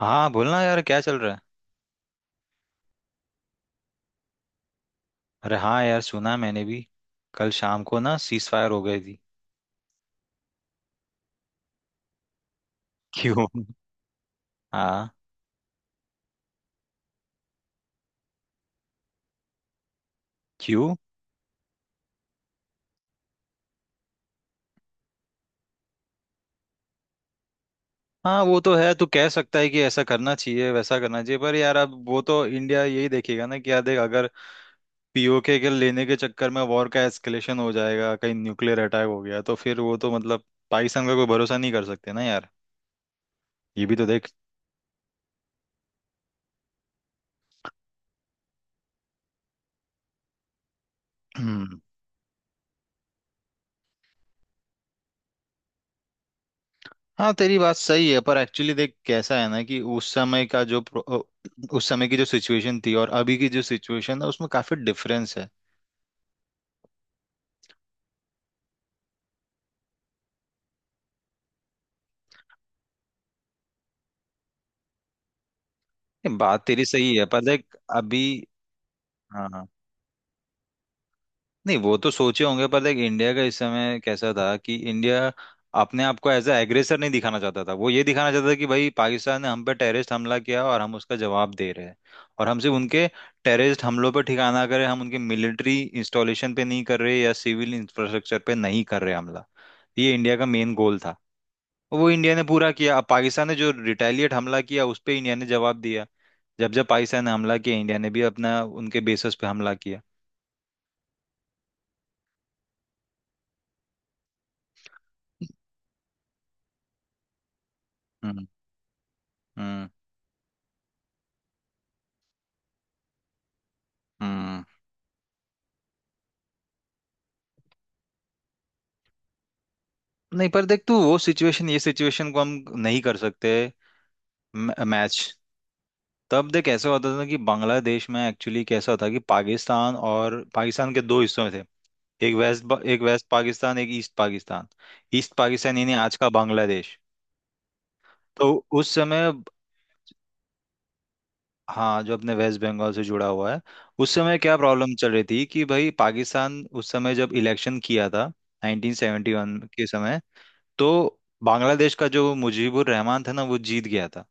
हाँ बोलना यार, क्या चल रहा है? अरे हाँ यार, सुना मैंने भी। कल शाम को ना सीज फायर हो गई थी। क्यों? हाँ। क्यों? हाँ वो तो है, तू कह सकता है कि ऐसा करना चाहिए वैसा करना चाहिए, पर यार अब वो तो इंडिया यही देखेगा ना कि यार देख, अगर पीओके के लेने के चक्कर में वॉर का एस्केलेशन हो जाएगा, कहीं न्यूक्लियर अटैक हो गया तो फिर वो तो मतलब पाकिस्तान का कोई भरोसा नहीं कर सकते ना यार। ये भी तो देख। हाँ तेरी बात सही है, पर एक्चुअली देख कैसा है ना कि उस समय की जो सिचुएशन थी और अभी की जो सिचुएशन है, उसमें काफी डिफरेंस है। ये बात तेरी सही है पर देख अभी। हाँ हाँ। नहीं वो तो सोचे होंगे, पर देख इंडिया का इस समय कैसा था कि इंडिया अपने आप को एज अ एग्रेसर नहीं दिखाना चाहता था। वो ये दिखाना चाहता था कि भाई पाकिस्तान ने हम पे टेररिस्ट हमला किया और हम उसका जवाब दे रहे हैं, और हम सिर्फ उनके टेररिस्ट हमलों पर ठिकाना करें, हम उनके मिलिट्री इंस्टॉलेशन पे नहीं कर रहे या सिविल इंफ्रास्ट्रक्चर पे नहीं कर रहे हमला। ये इंडिया का मेन गोल था और वो इंडिया ने पूरा किया। अब पाकिस्तान ने जो रिटेलिएट हमला किया उस पर इंडिया ने जवाब दिया। जब जब पाकिस्तान ने हमला किया, इंडिया ने भी अपना उनके बेसिस पे हमला किया। हम्म। हम्म। हम्म। नहीं पर देख, तू वो सिचुएशन ये सिचुएशन को हम नहीं कर सकते। मैच। तब देख ऐसा होता था कि बांग्लादेश में एक्चुअली कैसा था कि पाकिस्तान, और पाकिस्तान के दो हिस्सों में थे। एक वेस्ट पाकिस्तान एक ईस्ट पाकिस्तान। ईस्ट पाकिस्तान यानी आज का बांग्लादेश। तो उस समय, हाँ जो अपने वेस्ट बंगाल से जुड़ा हुआ है। उस समय क्या प्रॉब्लम चल रही थी कि भाई पाकिस्तान उस समय जब इलेक्शन किया था, 1971 के समय, तो बांग्लादेश का जो मुजीबुर रहमान था ना, वो जीत गया था।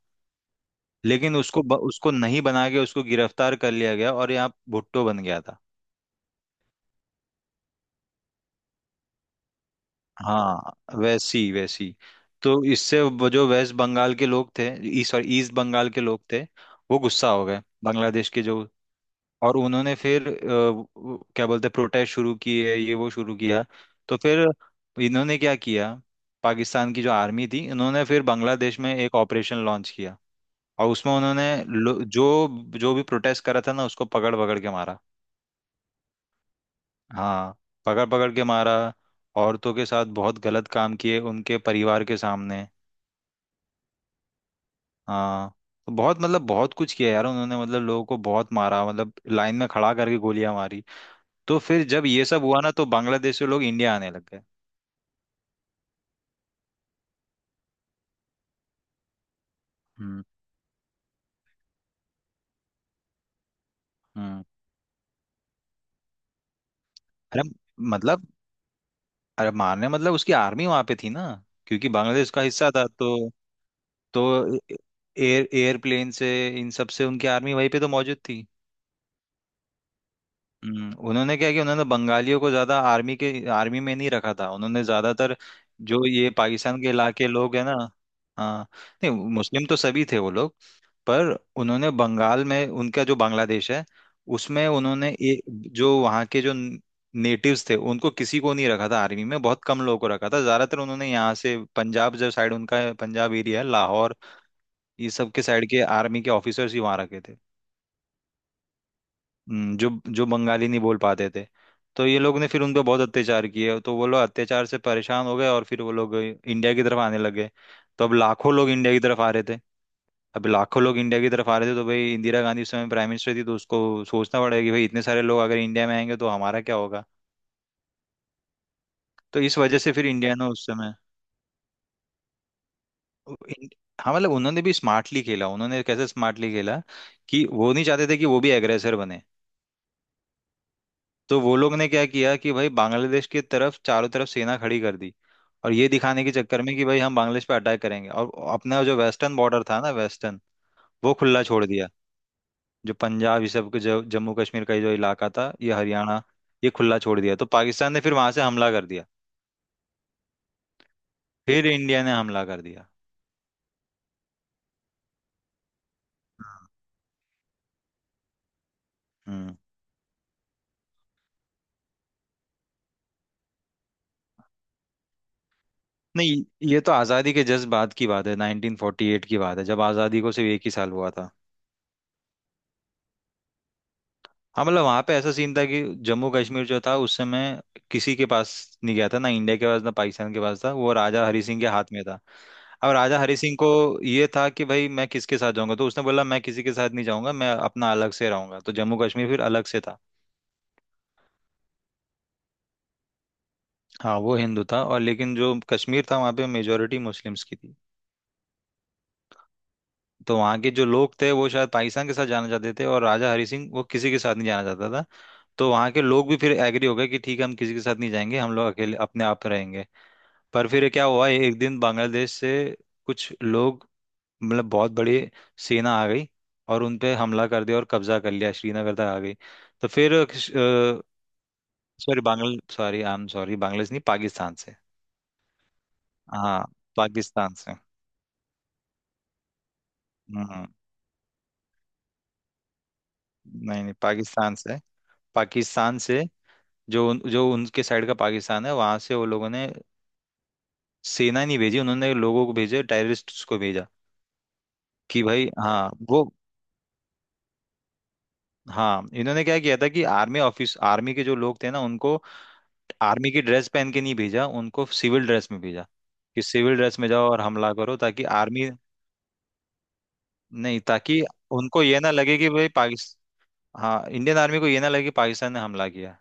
लेकिन उसको नहीं बना के उसको गिरफ्तार कर लिया गया और यहाँ भुट्टो बन गया था। हाँ वैसी वैसी। तो इससे वो जो वेस्ट बंगाल के लोग थे, ई सॉरी ईस्ट बंगाल के लोग थे, वो गुस्सा हो गए, बांग्लादेश के जो। और उन्होंने फिर क्या बोलते, प्रोटेस्ट शुरू किए, ये वो शुरू किया। तो फिर इन्होंने क्या किया, पाकिस्तान की जो आर्मी थी, इन्होंने फिर बांग्लादेश में एक ऑपरेशन लॉन्च किया। और उसमें उन्होंने जो जो भी प्रोटेस्ट करा था ना, उसको पकड़ पकड़ के मारा। हाँ। पकड़ पकड़ के मारा। औरतों के साथ बहुत गलत काम किए, उनके परिवार के सामने। हाँ। तो बहुत, मतलब बहुत कुछ किया यार उन्होंने, मतलब लोगों को बहुत मारा, मतलब लाइन में खड़ा करके गोलियां मारी। तो फिर जब ये सब हुआ ना, तो बांग्लादेश से लोग इंडिया आने लग गए। हम्म। हम्म। अरे मतलब, अरे मारने मतलब उसकी आर्मी वहां पे थी ना, क्योंकि बांग्लादेश का हिस्सा था तो। तो एयर एयरप्लेन से, इन सब से उनकी आर्मी वहीं पे तो मौजूद थी। उन्होंने क्या किया, उन्होंने बंगालियों को ज्यादा आर्मी के आर्मी में नहीं रखा था, उन्होंने ज्यादातर जो ये पाकिस्तान के इलाके लोग है ना। हाँ। नहीं, मुस्लिम तो सभी थे वो लोग, पर उन्होंने बंगाल में, उनका जो बांग्लादेश है, उसमें उन्होंने जो वहाँ के जो नेटिव्स थे उनको किसी को नहीं रखा था आर्मी में, बहुत कम लोगों को रखा था। ज्यादातर उन्होंने यहाँ से पंजाब जो साइड उनका है, पंजाब एरिया है, लाहौर, ये सब के साइड के आर्मी के ऑफिसर्स ही वहाँ रखे थे। जो जो बंगाली नहीं बोल पाते थे। तो ये लोग ने फिर उन पे बहुत अत्याचार किए, तो वो लोग अत्याचार से परेशान हो गए और फिर वो लोग इंडिया की तरफ आने लगे। तो अब लाखों लोग इंडिया की तरफ आ रहे थे। अब लाखों लोग इंडिया की तरफ आ रहे थे, तो भाई इंदिरा गांधी उस समय प्राइम मिनिस्टर थी, तो उसको सोचना पड़ेगा कि भाई इतने सारे लोग अगर इंडिया में आएंगे तो हमारा क्या होगा। तो इस वजह से फिर इंडिया ने उस समय, इन- हाँ मतलब उन्होंने भी स्मार्टली खेला। उन्होंने कैसे स्मार्टली खेला कि वो नहीं चाहते थे कि वो भी एग्रेसर बने। तो वो लोग ने क्या किया कि भाई बांग्लादेश की तरफ चारों तरफ सेना खड़ी कर दी, और ये दिखाने के चक्कर में कि भाई हम बांग्लादेश पे अटैक करेंगे, और अपना जो वेस्टर्न बॉर्डर था ना, वेस्टर्न, वो खुला छोड़ दिया। जो पंजाब ये सब के, जो जम्मू कश्मीर का ये जो इलाका था, ये हरियाणा, ये खुला छोड़ दिया। तो पाकिस्तान ने फिर वहां से हमला कर दिया। फिर इंडिया ने हमला कर दिया। हम्म। नहीं, ये तो आजादी के जस्ट बाद की बात है, 1948 की बात है, जब आजादी को सिर्फ एक ही साल हुआ था। हाँ मतलब वहां पे ऐसा सीन था कि जम्मू कश्मीर जो था उस समय किसी के पास नहीं गया था ना, इंडिया के पास ना पाकिस्तान के पास, था वो राजा हरी सिंह के हाथ में। था अब राजा हरी सिंह को ये था कि भाई मैं किसके साथ जाऊंगा, तो उसने बोला मैं किसी के साथ नहीं जाऊंगा, मैं अपना अलग से रहूंगा, तो जम्मू कश्मीर फिर अलग से था। हाँ वो हिंदू था, और लेकिन जो कश्मीर था वहाँ पे मेजोरिटी मुस्लिम्स की थी। तो वहाँ के जो लोग थे वो शायद पाकिस्तान के साथ जाना चाहते थे, और राजा हरी सिंह वो किसी के साथ नहीं जाना चाहता था। तो वहाँ के लोग भी फिर एग्री हो गए कि ठीक है, हम किसी के साथ नहीं जाएंगे, हम लोग अकेले अपने आप रहेंगे। पर फिर क्या हुआ, एक दिन बांग्लादेश से कुछ लोग, मतलब बहुत बड़ी सेना आ गई, और उन पे हमला कर दिया और कब्जा कर लिया, श्रीनगर तक आ गई। तो फिर, sorry Bangla sorry I am sorry Bangladesh नहीं, पाकिस्तान से। हाँ पाकिस्तान से। हम्म हम्म, नहीं नहीं, पाकिस्तान से। पाकिस्तान से। जो उनके साइड का पाकिस्तान है, वहां से वो लोगों ने सेना नहीं भेजी, उन्होंने लोगों को भेजे, टेररिस्ट को भेजा कि भाई, हाँ वो, हाँ इन्होंने क्या किया था कि आर्मी ऑफिस, आर्मी के जो लोग थे ना उनको आर्मी की ड्रेस पहन के नहीं भेजा, उनको सिविल ड्रेस में भेजा कि सिविल ड्रेस में जाओ और हमला करो, ताकि आर्मी, नहीं ताकि उनको ये ना लगे कि भाई पाकिस्तान, हाँ इंडियन आर्मी को ये ना लगे कि पाकिस्तान ने हमला किया,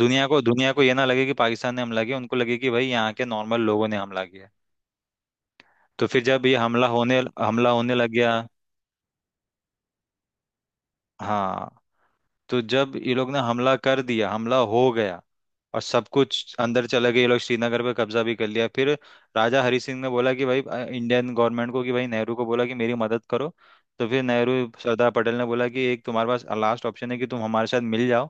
दुनिया को, दुनिया को ये ना लगे कि पाकिस्तान ने हमला किया, उनको लगे कि भाई यहाँ के नॉर्मल लोगों ने हमला किया। तो फिर जब ये हमला होने लग गया। हाँ। तो जब ये लोग ने हमला कर दिया, हमला हो गया और सब कुछ अंदर चले गए ये लोग, श्रीनगर पे कब्जा भी कर लिया। फिर राजा हरि सिंह ने बोला कि भाई इंडियन गवर्नमेंट को, कि भाई नेहरू को बोला कि मेरी मदद करो। तो फिर नेहरू, सरदार पटेल ने बोला कि एक तुम्हारे पास लास्ट ऑप्शन है कि तुम हमारे साथ मिल जाओ,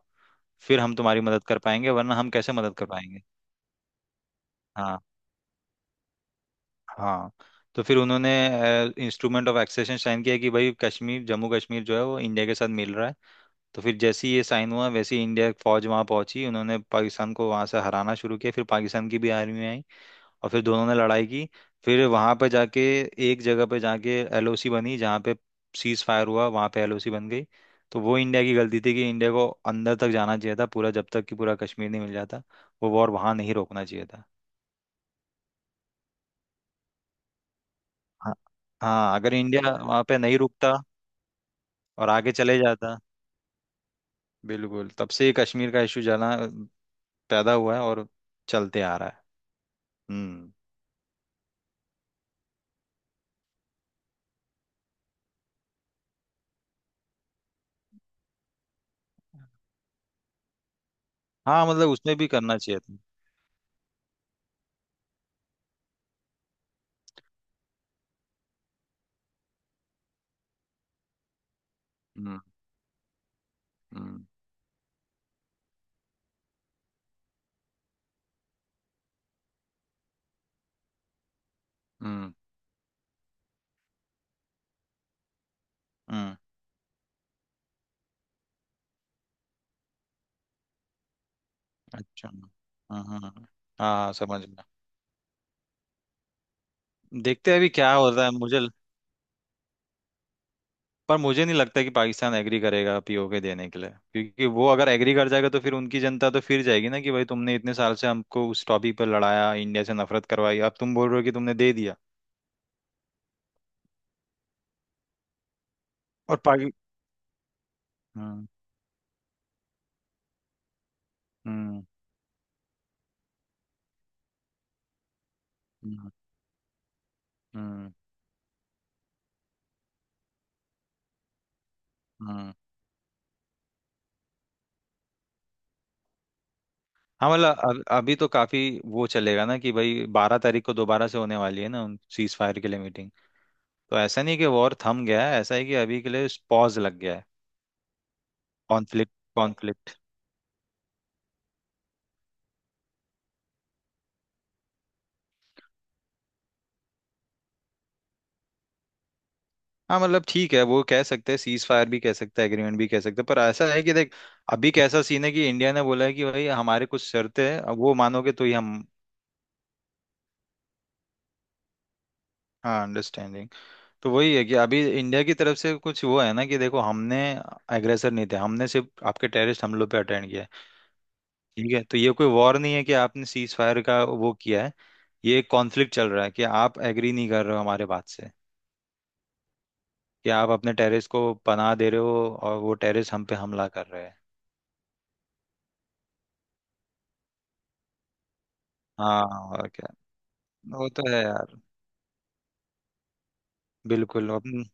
फिर हम तुम्हारी मदद कर पाएंगे, वरना हम कैसे मदद कर पाएंगे। हाँ। हाँ। तो फिर उन्होंने इंस्ट्रूमेंट ऑफ एक्सेशन साइन किया कि भाई कश्मीर, जम्मू कश्मीर जो है वो इंडिया के साथ मिल रहा है। तो फिर जैसे ही ये साइन हुआ, वैसे ही इंडिया की फौज वहां पहुंची, उन्होंने पाकिस्तान को वहां से हराना शुरू किया, फिर पाकिस्तान की भी आर्मी आई और फिर दोनों ने लड़ाई की। फिर वहां पे जाके, एक जगह पे जाके एलओसी बनी, जहाँ पे सीज फायर हुआ वहां पे एलओसी बन गई। तो वो इंडिया की गलती थी कि इंडिया को अंदर तक जाना चाहिए था पूरा, जब तक कि पूरा कश्मीर नहीं मिल जाता, वो वॉर वहां नहीं रोकना चाहिए था। हाँ। हाँ, अगर इंडिया वहां पे नहीं रुकता और आगे चले जाता, बिल्कुल तब से ये कश्मीर का इशू जाना पैदा हुआ है और चलते आ रहा है। हम्म। हाँ मतलब उसमें भी करना चाहिए था। हम्म। हम्म। हम्म। हम्म। अच्छा। हाँ हाँ हाँ। हाँ, समझ में। देखते हैं अभी क्या होता है, मुझे पर मुझे नहीं लगता कि पाकिस्तान एग्री करेगा पीओके देने के लिए, क्योंकि वो अगर एग्री कर जाएगा तो फिर उनकी जनता तो फिर जाएगी ना कि भाई तुमने इतने साल से हमको उस टॉपिक पर लड़ाया, इंडिया से नफरत करवाई, अब तुम बोल रहे हो कि तुमने दे दिया। और पाकि हम्म। हम्म। हम्म। हम्म। हम्म। हाँ मतलब अभी तो काफी वो चलेगा ना कि भाई बारह तारीख को दोबारा से होने वाली है ना उन सीज फायर के लिए मीटिंग। तो ऐसा नहीं कि वॉर थम गया है, ऐसा है कि अभी के लिए पॉज लग गया है। Conflict conflict. हाँ मतलब ठीक है, वो कह सकते हैं सीज फायर भी कह सकते हैं, एग्रीमेंट भी कह सकते हैं, पर ऐसा है कि देख अभी कैसा सीन है कि इंडिया ने बोला है कि भाई हमारे कुछ शर्तें हैं, अब वो मानोगे तो ही हम। हाँ अंडरस्टैंडिंग। तो वही है कि अभी इंडिया की तरफ से कुछ वो है ना कि देखो हमने एग्रेसर नहीं थे, हमने सिर्फ आपके टेररिस्ट हमलों पे अटेंड किया है। ठीक है तो ये कोई वॉर नहीं है कि आपने सीज फायर का वो किया है, ये एक कॉन्फ्लिक्ट चल रहा है कि आप एग्री नहीं कर रहे हो हमारे बात से, कि आप अपने टेररिस्ट को पनाह दे रहे हो और वो टेररिस्ट हम पे हमला कर रहे हैं। हाँ और क्या। वो तो है यार। बिल्कुल। अब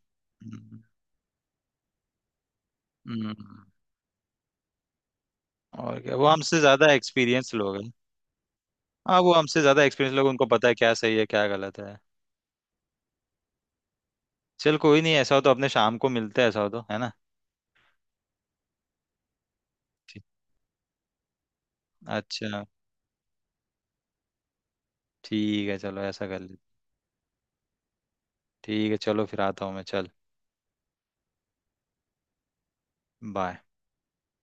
हम्म, और क्या। वो हमसे ज्यादा एक्सपीरियंस लोग हैं। हाँ वो हमसे ज्यादा एक्सपीरियंस लोग हैं, उनको पता है क्या सही है क्या गलत है। चल कोई नहीं, ऐसा हो तो अपने शाम को मिलते हैं, ऐसा हो तो, है ना। ठीक- अच्छा, ठीक है चलो, ऐसा कर ले। ठीक है चलो, फिर आता हूँ मैं। चल बाय।